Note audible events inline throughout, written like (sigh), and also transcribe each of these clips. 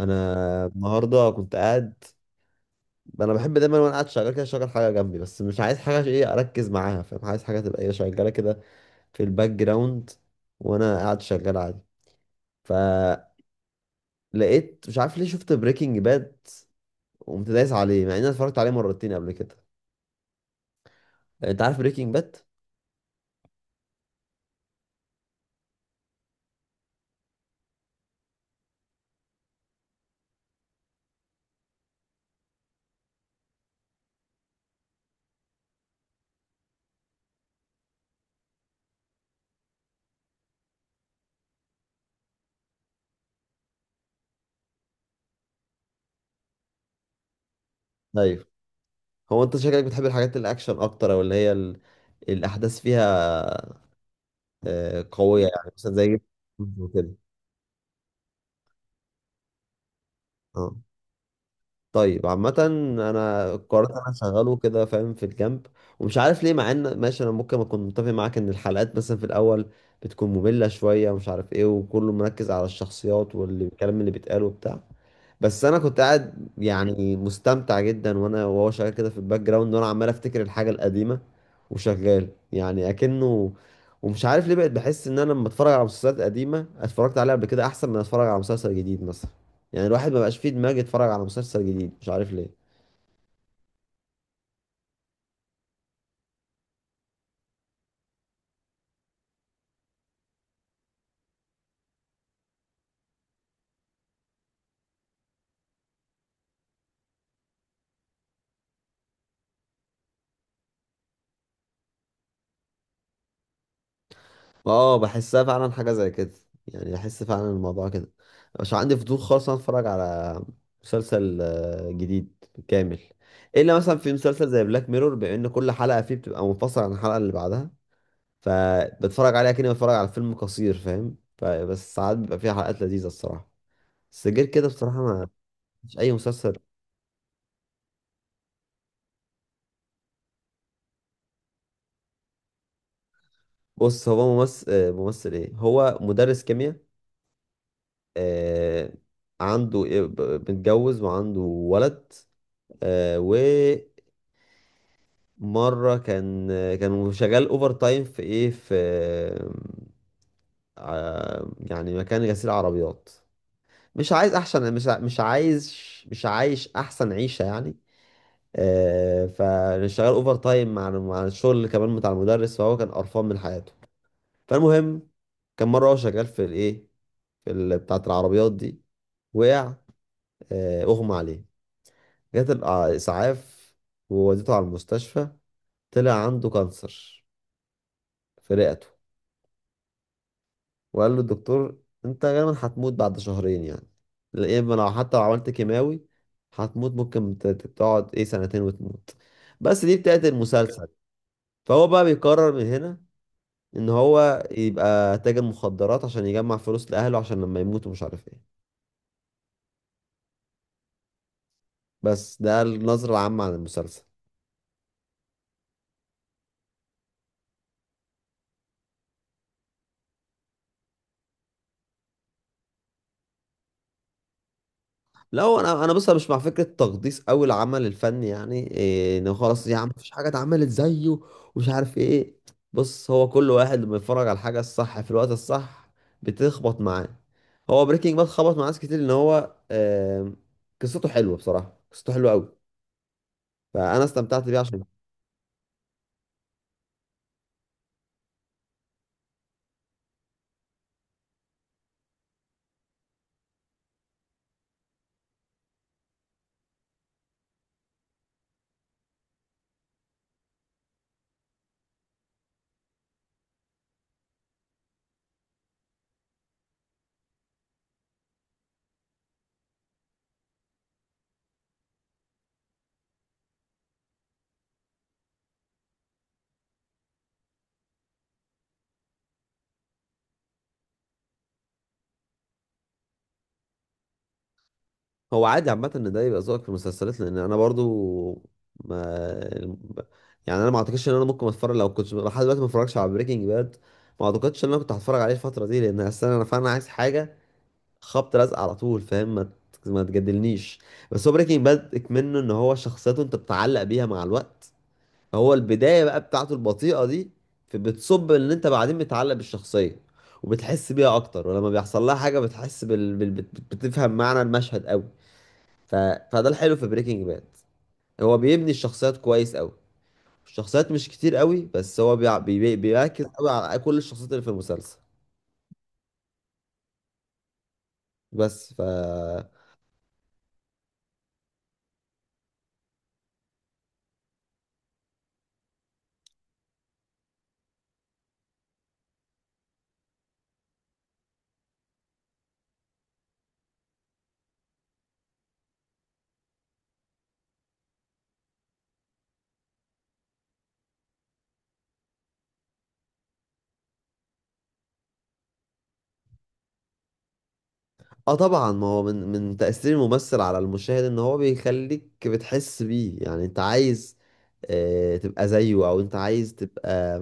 انا النهارده كنت قاعد. انا بحب دايما وانا قاعد شغال كده اشغل حاجه جنبي، بس مش عايز حاجه عشان ايه اركز معاها، فاهم؟ عايز حاجه تبقى ايه شغاله كده في الباك جراوند وانا قاعد شغال عادي. فلقيت مش عارف ليه شفت بريكنج باد وقمت دايس عليه مع اني اتفرجت عليه مرتين قبل كده. يعني انت عارف بريكنج باد. ايوه. هو انت شكلك بتحب الحاجات الاكشن اكتر، او اللي هي الاحداث فيها قويه، يعني مثلا زي جيم اوف ثرونز وكده. اه. طيب عامة، انا قررت اشغله كده فاهم في الجنب. ومش عارف ليه، مع ان ماشي انا ممكن اكون متفق معاك ان الحلقات مثلا في الاول بتكون مملة شوية ومش عارف ايه، وكله مركز على الشخصيات والكلام اللي بيتقال وبتاع. بس انا كنت قاعد يعني مستمتع جدا وانا وهو شغال كده في الباك جراوند، وانا عمال افتكر الحاجة القديمة وشغال يعني اكنه. ومش عارف ليه بقيت بحس ان انا لما اتفرج على مسلسلات قديمة اتفرجت عليها قبل كده احسن من اتفرج على مسلسل جديد مثلا. يعني الواحد ما بقاش فيه دماغ يتفرج على مسلسل جديد، مش عارف ليه. اه بحسها فعلا حاجة زي كده، يعني احس فعلا الموضوع كده. مش عندي فضول خالص إن أنا اتفرج على مسلسل جديد كامل، الا مثلا في مسلسل زي بلاك ميرور، بما ان كل حلقة فيه بتبقى منفصلة عن الحلقة اللي بعدها، فبتفرج عليها كأني بتفرج على فيلم قصير فاهم. فبس ساعات بيبقى فيها حلقات لذيذة الصراحة، بس غير كده بصراحة ما، مش اي مسلسل. بص، هو ممثل ممثل ايه، هو مدرس كيمياء. آه، عنده إيه- ب- متجوز وعنده ولد. آه، ومرة كان، كان شغال اوفر تايم في ايه، في يعني مكان غسيل عربيات. مش عايز احسن، مش عايز، مش عايش احسن عيشة يعني. فشغال اوفر تايم مع الشغل كمان بتاع المدرس، فهو كان قرفان من حياته. فالمهم، كان مرة هو شغال في الايه، في بتاعة العربيات دي، وقع. اغمى عليه، جات الإسعاف ووديته على المستشفى، طلع عنده كانسر في رئته. وقال له الدكتور أنت غالبا هتموت بعد شهرين يعني، يا إما لو حتى لو عملت كيماوي هتموت، ممكن تقعد إيه سنتين وتموت. بس دي بتاعت المسلسل. فهو بقى بيقرر من هنا إن هو يبقى تاجر مخدرات عشان يجمع فلوس لأهله عشان لما يموتوا مش عارف إيه. بس ده النظرة العامة عن المسلسل. لا، هو انا بص، أنا مش مع فكره تقديس قوي العمل الفني، يعني ان خلاص يا عم مفيش حاجه اتعملت زيه ومش عارف ايه. بص، هو كل واحد لما يتفرج على الحاجه الصح في الوقت الصح بتخبط معاه. هو بريكنج باد خبط مع ناس كتير ان هو قصته حلوه بصراحه، قصته حلوه قوي، فانا استمتعت بيه عشان. هو عادي عامة ان ده يبقى ذوقك في المسلسلات، لان انا برضو ما يعني انا ما اعتقدش ان انا ممكن اتفرج، لو كنت لحد دلوقتي ما اتفرجش على بريكنج باد ما اعتقدش ان انا كنت هتفرج عليه الفترة دي، لان اصلا انا فعلا عايز حاجة خبط لازق على طول فاهم، ما تجادلنيش. بس هو بريكنج باد اكمنه ان هو شخصيته انت بتتعلق بيها مع الوقت. هو البداية بقى بتاعته البطيئة دي بتصب ان انت بعدين بتتعلق بالشخصية وبتحس بيها اكتر، ولما بيحصل لها حاجة بتحس بتفهم معنى المشهد قوي. ف... فده الحلو في بريكنج باد، هو بيبني الشخصيات كويس قوي. الشخصيات مش كتير قوي، بس هو بيركز قوي على كل الشخصيات اللي في المسلسل. بس ف اه طبعا، ما هو من تأثير الممثل على المشاهد ان هو بيخليك بتحس بيه، يعني انت عايز تبقى زيه، او انت عايز تبقى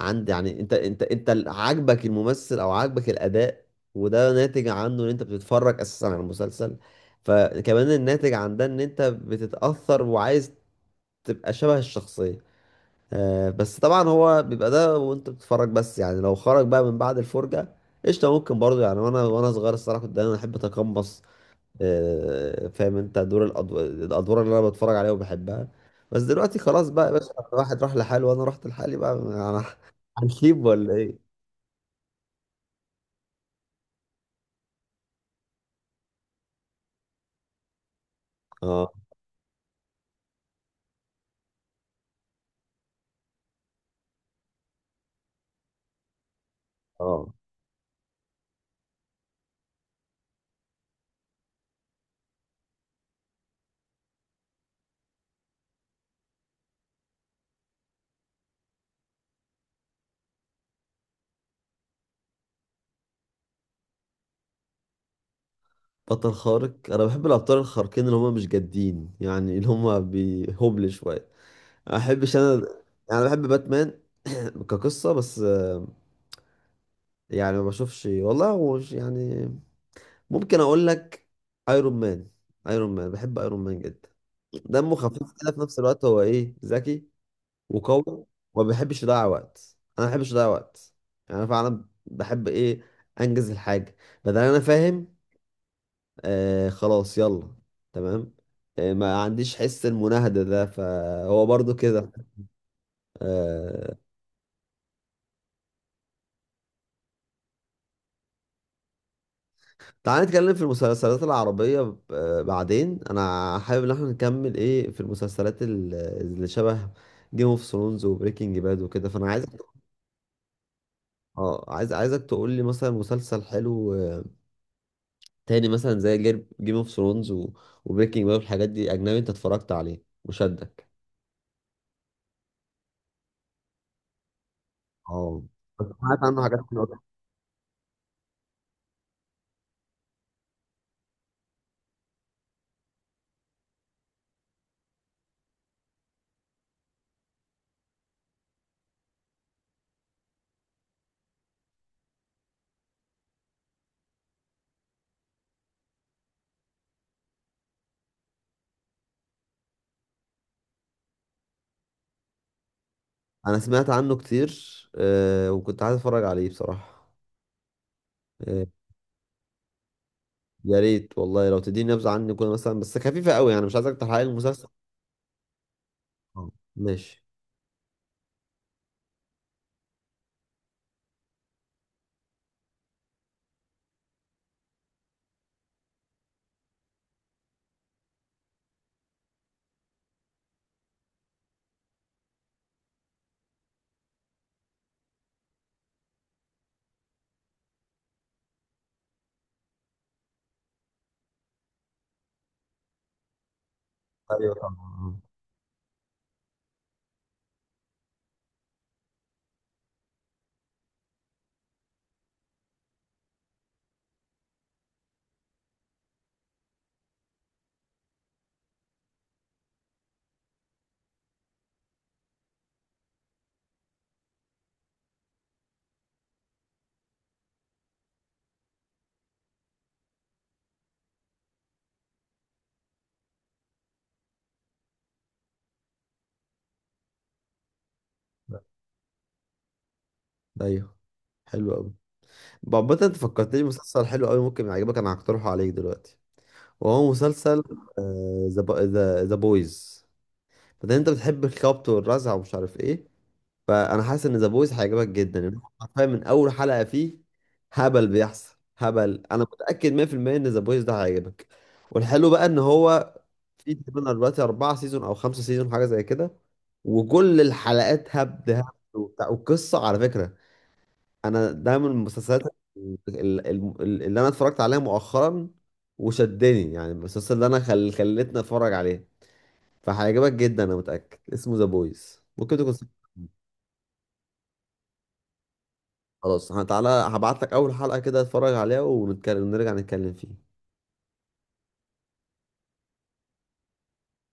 عند، يعني انت عاجبك الممثل او عاجبك الاداء، وده ناتج عنه ان انت بتتفرج اساسا على المسلسل. فكمان الناتج عن ده ان انت بتتاثر وعايز تبقى شبه الشخصيه. آه بس طبعا هو بيبقى ده وانت بتتفرج، بس يعني لو خرج بقى من بعد الفرجه قشطه ممكن برضه. يعني وانا صغير الصراحه كنت دايما احب اتقمص، آه فاهم انت، دور الادوار اللي انا بتفرج عليها وبحبها. بس دلوقتي خلاص بقى يا باشا، الواحد راح لحاله وانا رحت لحالي بقى (laughs) انا هنسيب ولا ايه؟ اه. اه. بطل خارق، انا بحب الابطال الخارقين اللي هم مش جادين، يعني اللي هم بيهبل شويه، ما بحبش انا. يعني أنا بحب باتمان (clears throat) كقصه، بس يعني ما بشوفش والله، هو يعني ممكن اقول لك ايرون مان. ايرون مان بحب ايرون مان جدا، دمه خفيف كده، في نفس الوقت هو ايه، ذكي وقوي، وما بيحبش يضيع وقت، انا ما بحبش اضيع وقت. يعني انا فعلا بحب ايه، انجز الحاجه بدل، انا فاهم. آه خلاص يلا. تمام. آه ما عنديش حس المناهدة ده، فهو برضو كده. آه. تعال نتكلم في المسلسلات العربية آه بعدين، انا حابب ان احنا نكمل ايه في المسلسلات اللي شبه جيم اوف ثرونز وبريكنج باد وكده، فانا عايز. اه، عايز عايزك تقول لي مثلا مسلسل حلو تاني، مثلا زي جيم اوف ثرونز وبريكنج باد والحاجات دي، اجنبي، انت اتفرجت عليه وشدك. اه. بس سمعت عنه حاجات كتير. انا سمعت عنه كتير وكنت عايز اتفرج عليه بصراحه. آه، يا ريت والله لو تديني نبذه عنه كده مثلا، بس خفيفه قوي يعني، مش عايزك تحرق لي المسلسل. آه، ماشي. ايوه طبعا. آه. ايوه حلو قوي. بابا انت فكرتني مسلسل حلو قوي ممكن يعجبك، انا هقترحه عليك دلوقتي، وهو مسلسل ذا بويز. فده انت بتحب الخبط والرزع ومش عارف ايه، فانا حاسس ان ذا بويز هيعجبك جدا، إن هو حرفيا من اول حلقه فيه هبل بيحصل، هبل. انا متاكد 100% ان ذا بويز ده هيعجبك. والحلو بقى ان هو في تقريبا دلوقتي 4 سيزون او 5 سيزون حاجه زي كده، وكل الحلقات هبد هبد وبتاع. والقصه على فكره، انا ده من المسلسلات ال- ال- اللي انا اتفرجت عليها مؤخرا وشدني، يعني المسلسل اللي انا خلتني اتفرج عليه. فهيعجبك جدا انا متاكد، اسمه ذا بويز، ممكن تكون. خلاص تعالى هبعت لك اول حلقة كده اتفرج عليها، ونتكلم، نرجع نتكلم فيه.